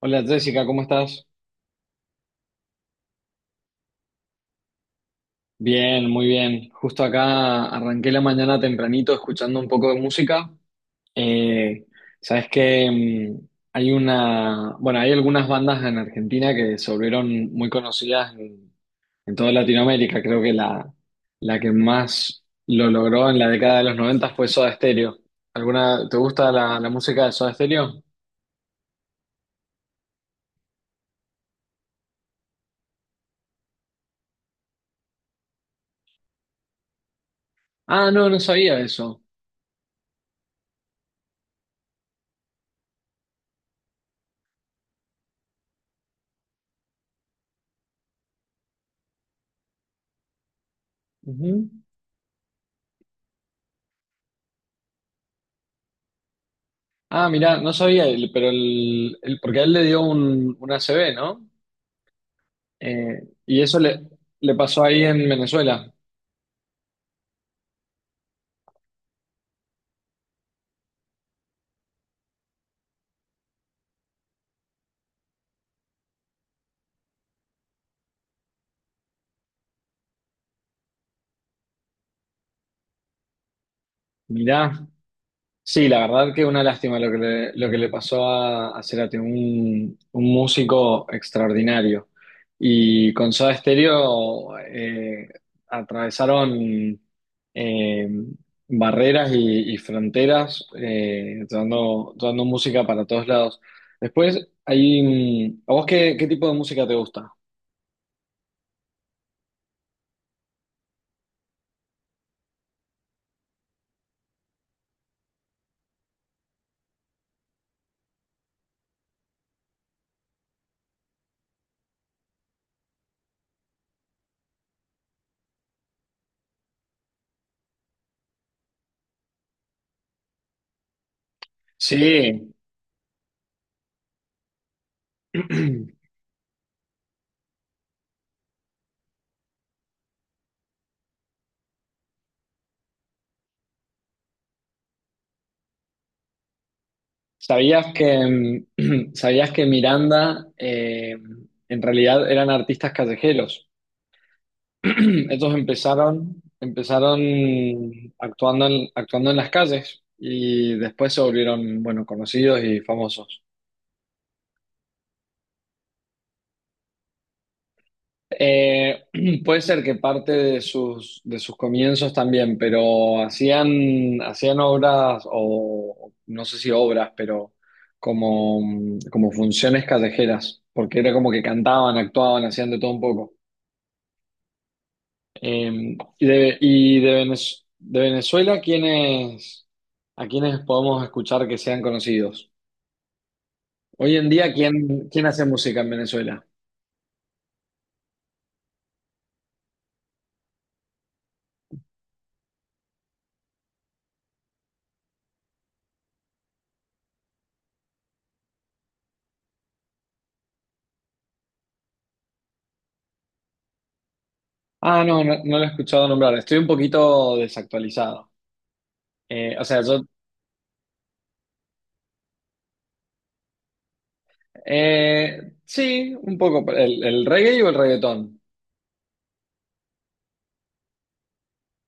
Hola Jessica, ¿cómo estás? Bien, muy bien. Justo acá arranqué la mañana tempranito escuchando un poco de música. Eh, sabes que hay una, bueno, hay algunas bandas en Argentina que se volvieron muy conocidas en toda Latinoamérica. Creo que la que más lo logró en la década de los 90 fue Soda Stereo. ¿Alguna, te gusta la, la música de Soda Stereo? Ah, no, no sabía eso. Ujú. Ah, mirá, no sabía, pero porque a él le dio un ACV, ¿no? Y eso le, le pasó ahí en Venezuela. Mirá, sí, la verdad que una lástima lo que le pasó a Cerati, un músico extraordinario. Y con Soda Stereo atravesaron eh, barreras y fronteras, dando, dando música para todos lados. Después, hay, ¿a vos qué, qué tipo de música te gusta? Sí. ¿Sabías que, sabías que Miranda en realidad eran artistas callejeros? Estos empezaron, empezaron actuando en, actuando en las calles y después se volvieron, bueno, conocidos y famosos. Eh, puede ser que parte de sus comienzos también, pero hacían, hacían obras o no sé si obras, pero como, como funciones callejeras, porque era como que cantaban, actuaban, hacían de todo un poco. Y de, de Venezuela, ¿quiénes, a quiénes podemos escuchar que sean conocidos? Hoy en día, ¿quién, quién hace música en Venezuela? Ah, no, no, no lo he escuchado nombrar. Estoy un poquito desactualizado. O sea, yo... sí, un poco. El reggae o el reggaetón?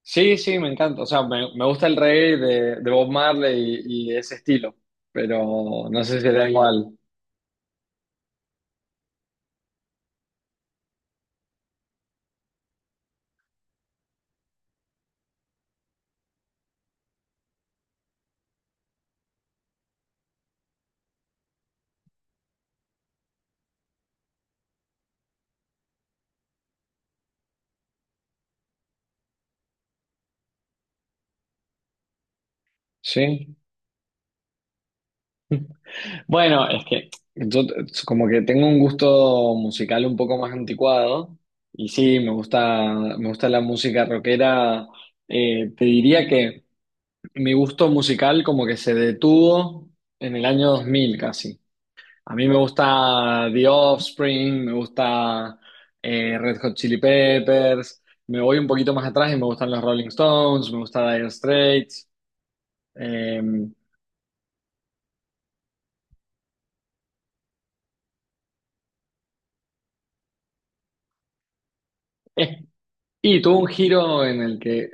Sí, sí, me encanta. O sea, me gusta el reggae de Bob Marley y ese estilo, pero no sé si era igual. Sí. Bueno, es que yo t- como que tengo un gusto musical un poco más anticuado y sí, me gusta la música rockera. Te diría que mi gusto musical como que se detuvo en el año 2000 casi. A mí me gusta The Offspring, me gusta Red Hot Chili Peppers, me voy un poquito más atrás y me gustan los Rolling Stones, me gusta Dire Straits. em, eh, y tuvo un giro en el que,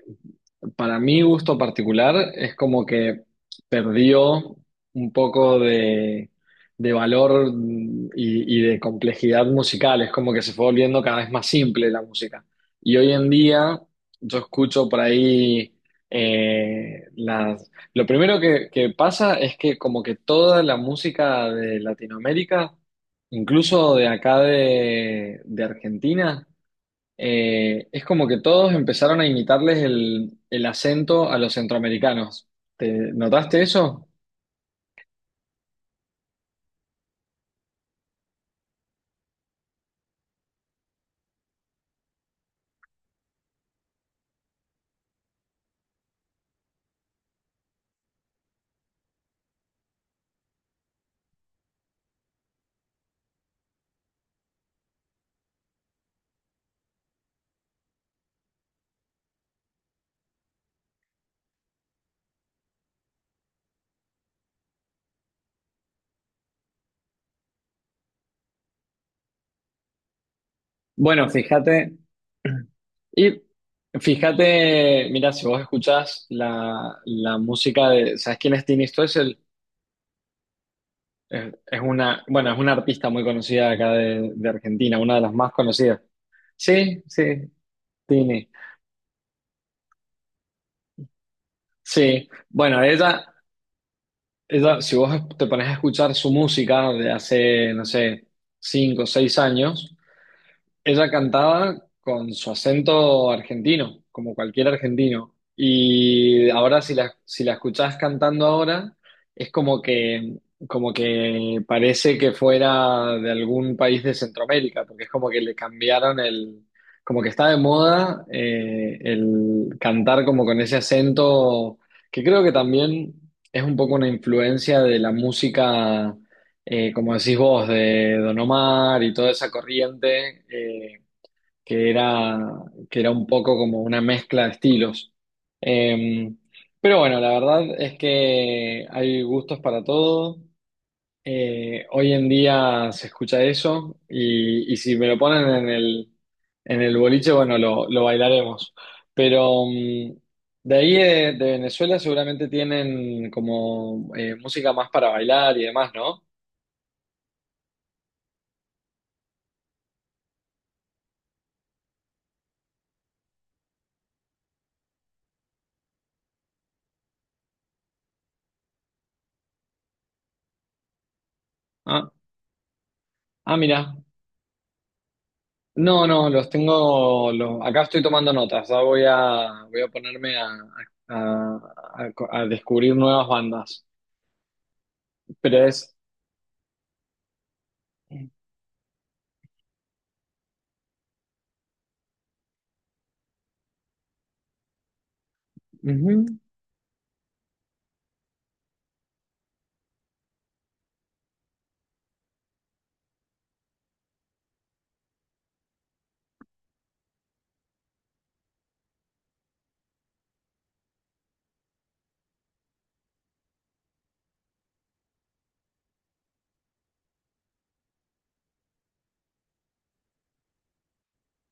para mi gusto particular, es como que perdió un poco de valor, y de complejidad musical. Es como que se fue volviendo cada vez más simple la música. Y hoy en día, yo escucho por ahí las. Lo primero que pasa es que, como que toda la música de Latinoamérica, incluso de acá de Argentina, es como que todos empezaron a imitarles el acento a los centroamericanos. ¿Te notaste eso? Bueno, fíjate, y fíjate, mira, si vos escuchás la, la música de, ¿sabes quién es Tini Stoessel? Es una, bueno, es una artista muy conocida de acá de Argentina, una de las más conocidas. Sí, sí, Tini. Sí, bueno, ella, si vos te pones a escuchar su música de hace, no sé, cinco o seis años, ella cantaba con su acento argentino, como cualquier argentino. Y ahora si la, si la escuchás cantando ahora, es como que parece que fuera de algún país de Centroamérica, porque es como que le cambiaron el, como que está de moda, el cantar como con ese acento, que creo que también es un poco una influencia de la música, como decís vos, de Don Omar y toda esa corriente, que era, que era un poco como una mezcla de estilos. Eh, pero bueno, la verdad es que hay gustos para todo. Hoy en día se escucha eso y si me lo ponen en el boliche, bueno, lo bailaremos. Pero de ahí de Venezuela seguramente tienen como música más para bailar y demás, ¿no? Ah. Ah, mira. No, no, los tengo. Acá estoy tomando notas. Ahora voy a, voy a ponerme a, a- a- a descubrir nuevas bandas. Pero es. Ujú.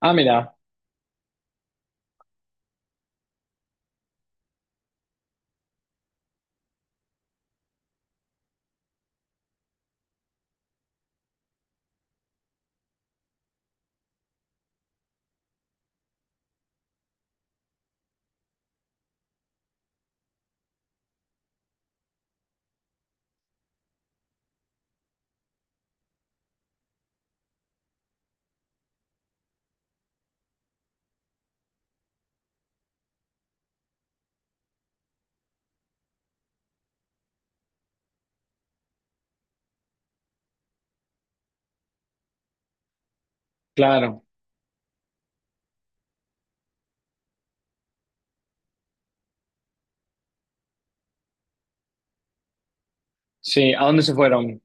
Ah, mira, claro. Sí, ¿a dónde se fueron?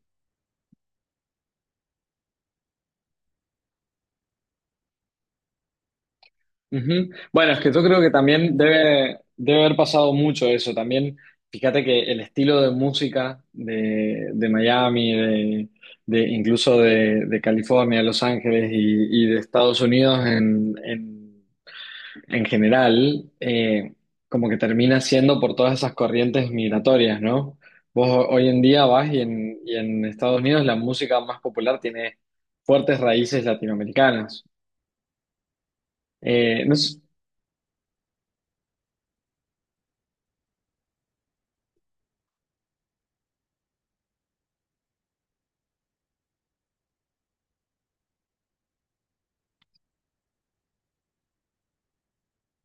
Ujú. Bueno, es que yo creo que también debe, debe haber pasado mucho eso. También, fíjate que el estilo de música de Miami, de, incluso de California, Los Ángeles y de Estados Unidos en general, como que termina siendo por todas esas corrientes migratorias, ¿no? Vos hoy en día vas y en Estados Unidos la música más popular tiene fuertes raíces latinoamericanas. No sé,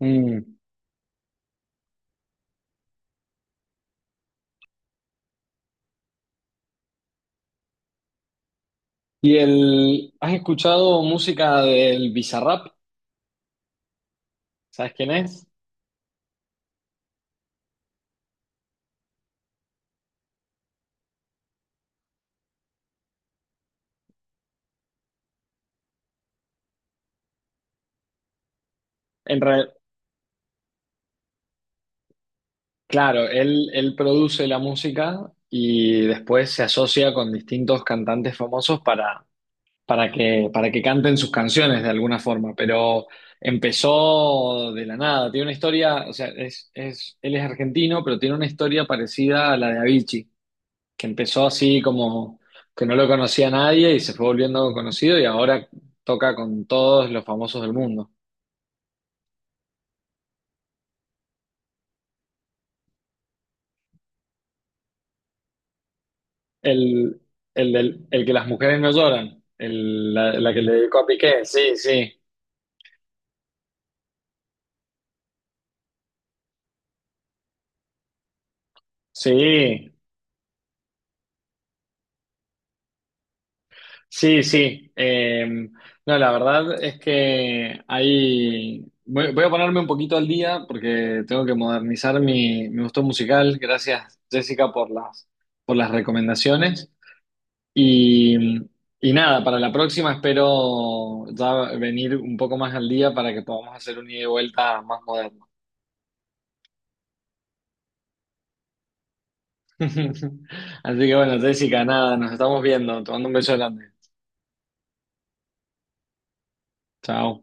mm. ¿Y el, has escuchado música del Bizarrap? ¿Sabes quién es? En re- claro, él, él produce la música y después se asocia con distintos cantantes famosos para que canten sus canciones de alguna forma, pero empezó de la nada. Tiene una historia, o sea, es, él es argentino, pero tiene una historia parecida a la de Avicii, que empezó así como que no lo conocía nadie y se fue volviendo conocido y ahora toca con todos los famosos del mundo. El, el, el que las mujeres no lloran, la, la que le dedicó a Piqué, sí, sí, sí. Sí, sí. No, la verdad es que ahí voy, voy a ponerme un poquito al día porque tengo que modernizar mi, mi gusto musical. Gracias, Jessica, por las recomendaciones. Y, y nada, para la próxima espero ya venir un poco más al día para que podamos hacer un ida y vuelta más moderno. Así que bueno, Jessica, nada, nos estamos viendo. Te mando un beso grande. Chao.